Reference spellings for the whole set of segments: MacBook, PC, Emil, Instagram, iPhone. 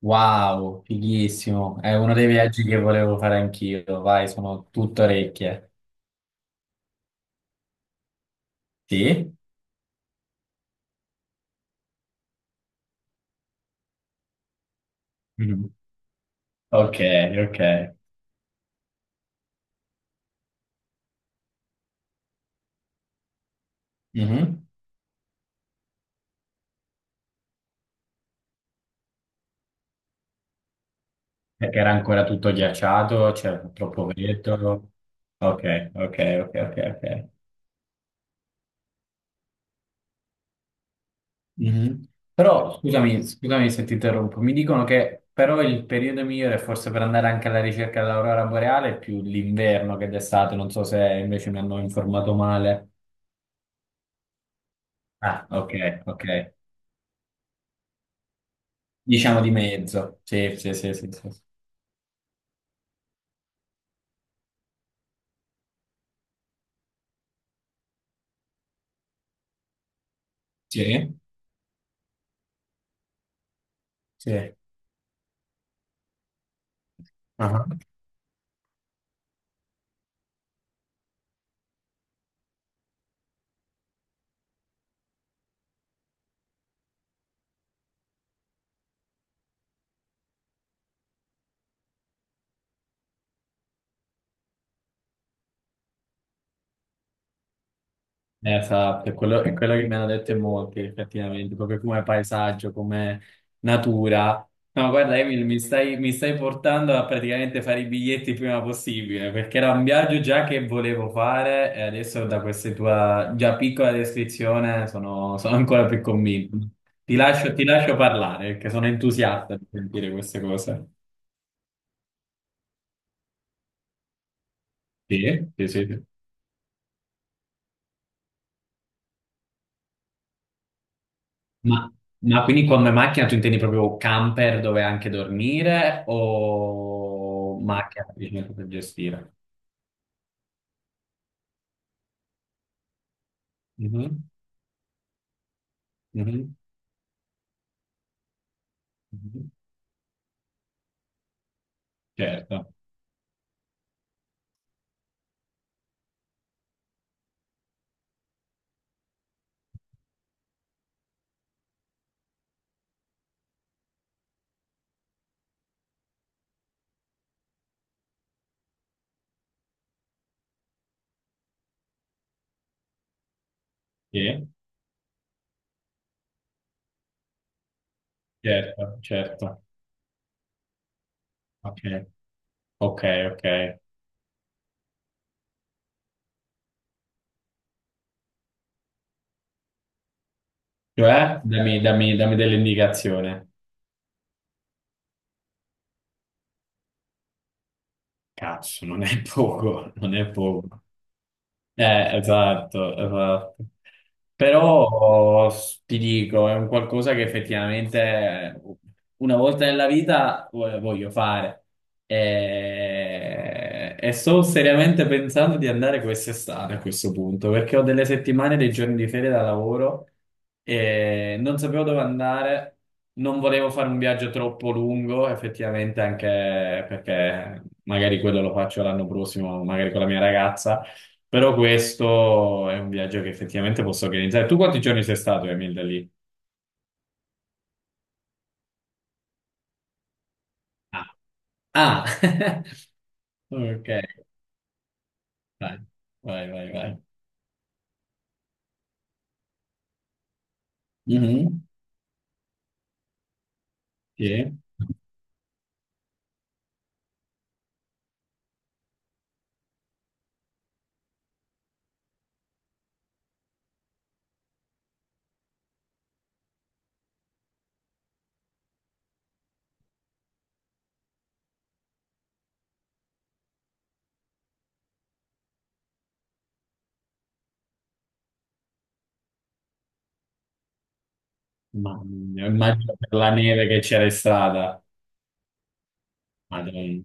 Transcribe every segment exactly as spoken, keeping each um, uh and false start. Wow, fighissimo. È uno dei viaggi che volevo fare anch'io. Vai, sono tutto orecchie. Sì? Mhm. Ok, ok. Mhm. Perché era ancora tutto ghiacciato, c'era troppo freddo. Ok, ok, ok, ok, ok. Mhm. Però, scusami, scusami se ti interrompo. Mi dicono che però il periodo migliore forse per andare anche alla ricerca dell'aurora boreale è più l'inverno che d'estate. Non so se invece mi hanno informato male. Ah, ok, ok. Diciamo di mezzo. Sì, sì, sì, sì, sì. Sì. Sì. Ah. Esatto, è quello, è quello che mi hanno detto in molti, effettivamente, proprio come paesaggio, come natura. No, guarda, Emil, mi stai, mi stai portando a praticamente fare i biglietti il prima possibile, perché era un viaggio già che volevo fare e adesso da questa tua già piccola descrizione sono, sono ancora più convinto. Ti lascio, ti lascio parlare, perché sono entusiasta di sentire queste cose. Sì. Sì, sì, sì. Ma, ma quindi come macchina tu intendi proprio camper dove anche dormire o macchina semplicemente per gestire? Mhm, mhm, mhm. Certo, sì, certo, certo. Ok, ok, ok. Cioè, dammi, dammi, dammi dell'indicazione. Cazzo, non è poco, non è poco. Eh, esatto, esatto. Però s- ti dico, è un qualcosa che effettivamente una volta nella vita vo- voglio fare. E, e sto seriamente pensando di andare quest'estate a questo punto, perché ho delle settimane, dei giorni di ferie da lavoro e non sapevo dove andare, non volevo fare un viaggio troppo lungo, effettivamente anche perché magari quello lo faccio l'anno prossimo, magari con la mia ragazza. Però questo è un viaggio che effettivamente posso organizzare. Tu quanti giorni sei stato, Emil, da lì? Ah, Ah. Ok, vai, vai, vai. vai. Mhm. Sì. Mamma mia, immagino per la neve che c'era in strada. Madonna,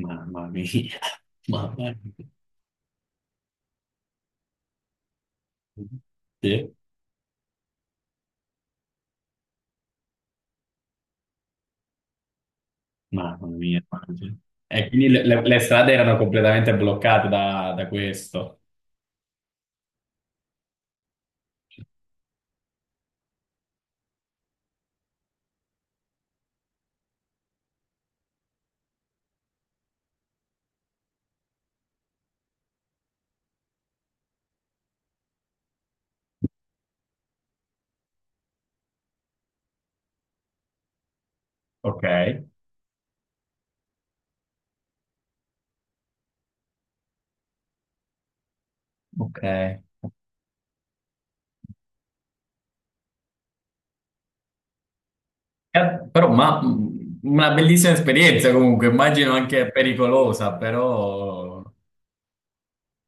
mamma mia, mamma mia. Sì, mamma mia. Immagino. E quindi le, le- le strade erano completamente bloccate da, da questo. Ok, ok. Eh, però, ma mh, una bellissima esperienza comunque, immagino anche pericolosa, però...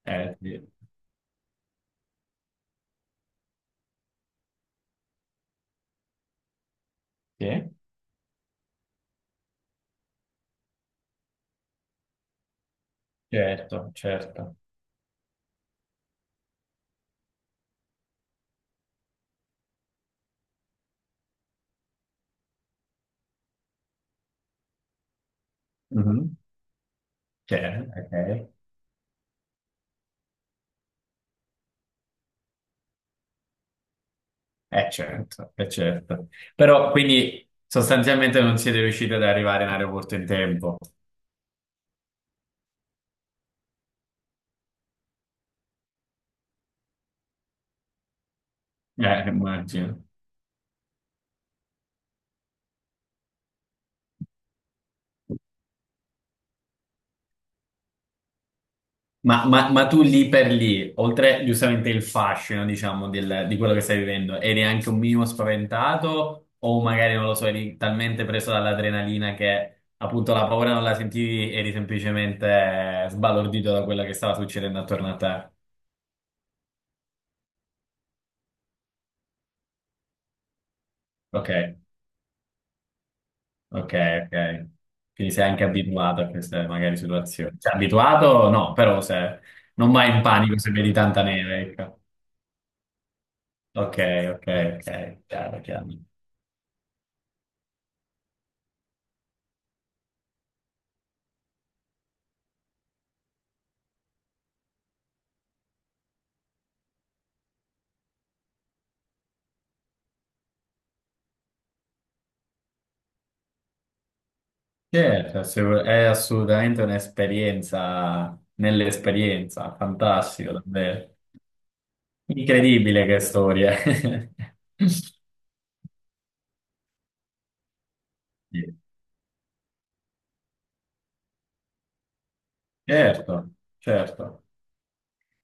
Eh, sì, sì, certo, certo. Mhm, certo, ok. Eh, certo, eh, certo. Però, quindi, sostanzialmente non siete riusciti ad arrivare in aeroporto in tempo. Eh, immagino. Ma, ma- ma tu lì per lì, oltre giustamente il fascino, diciamo, del- di quello che stai vivendo, eri anche un minimo spaventato o magari, non lo so, eri talmente preso dall'adrenalina che appunto la paura non la sentivi, eri semplicemente sbalordito da quello che stava succedendo attorno a te? Ok, ok, ok. Quindi sei anche abituato a queste magari situazioni. Cioè, abituato? No, però se non vai in panico se vedi tanta neve, ecco. Ok, ok, ok, chiaro, chiaro. Certo, assu- è assolutamente un'esperienza nell'esperienza, fantastico, davvero. Incredibile che storia. Sì. Certo, certo.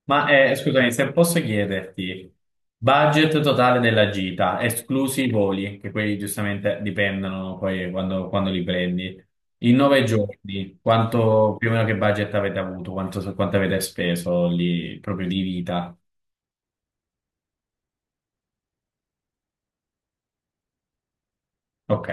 Ma eh, scusami, se posso chiederti, budget totale della gita, esclusi i voli, che quelli giustamente dipendono poi quando, quando li prendi. In nove giorni, quanto più o meno che budget avete avuto, quanto, quanto avete speso lì proprio di vita? Ok.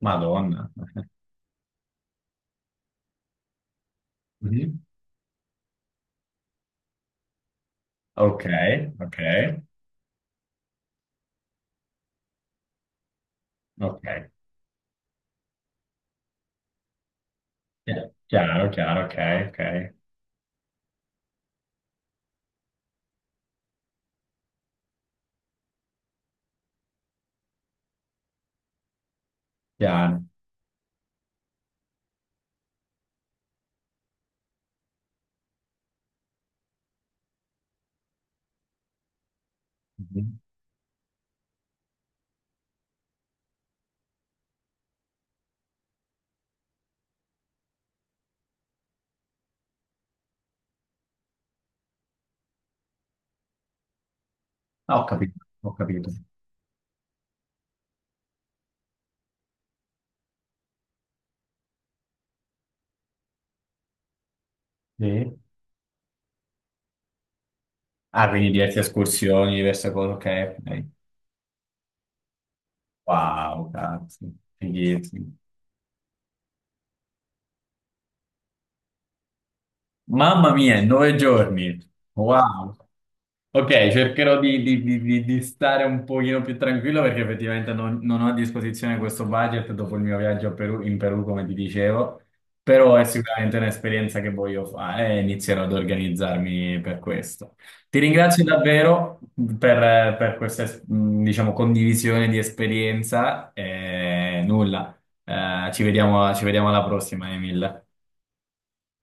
Madonna. Mhm. Ok, ok, ok. Chi- Chiaro, chiaro, ok, ok. Chiaro. Mhm. Ah, ho capito, ho capito. Sì. Ah, quindi diverse escursioni, diverse cose, ok, ok. Wow, cazzo. Fighissimo. Mamma mia, nove giorni. Wow. Ok, cercherò di, di- di- di- di stare un pochino più tranquillo perché effettivamente non, non ho a disposizione questo budget dopo il mio viaggio a Perù- in Perù, come ti dicevo, però è sicuramente un'esperienza che voglio fare e inizierò ad organizzarmi per questo. Ti ringrazio davvero per, per questa, es- mh, diciamo, condivisione di esperienza e nulla, eh, ci vediamo, ci vediamo alla prossima, Emil.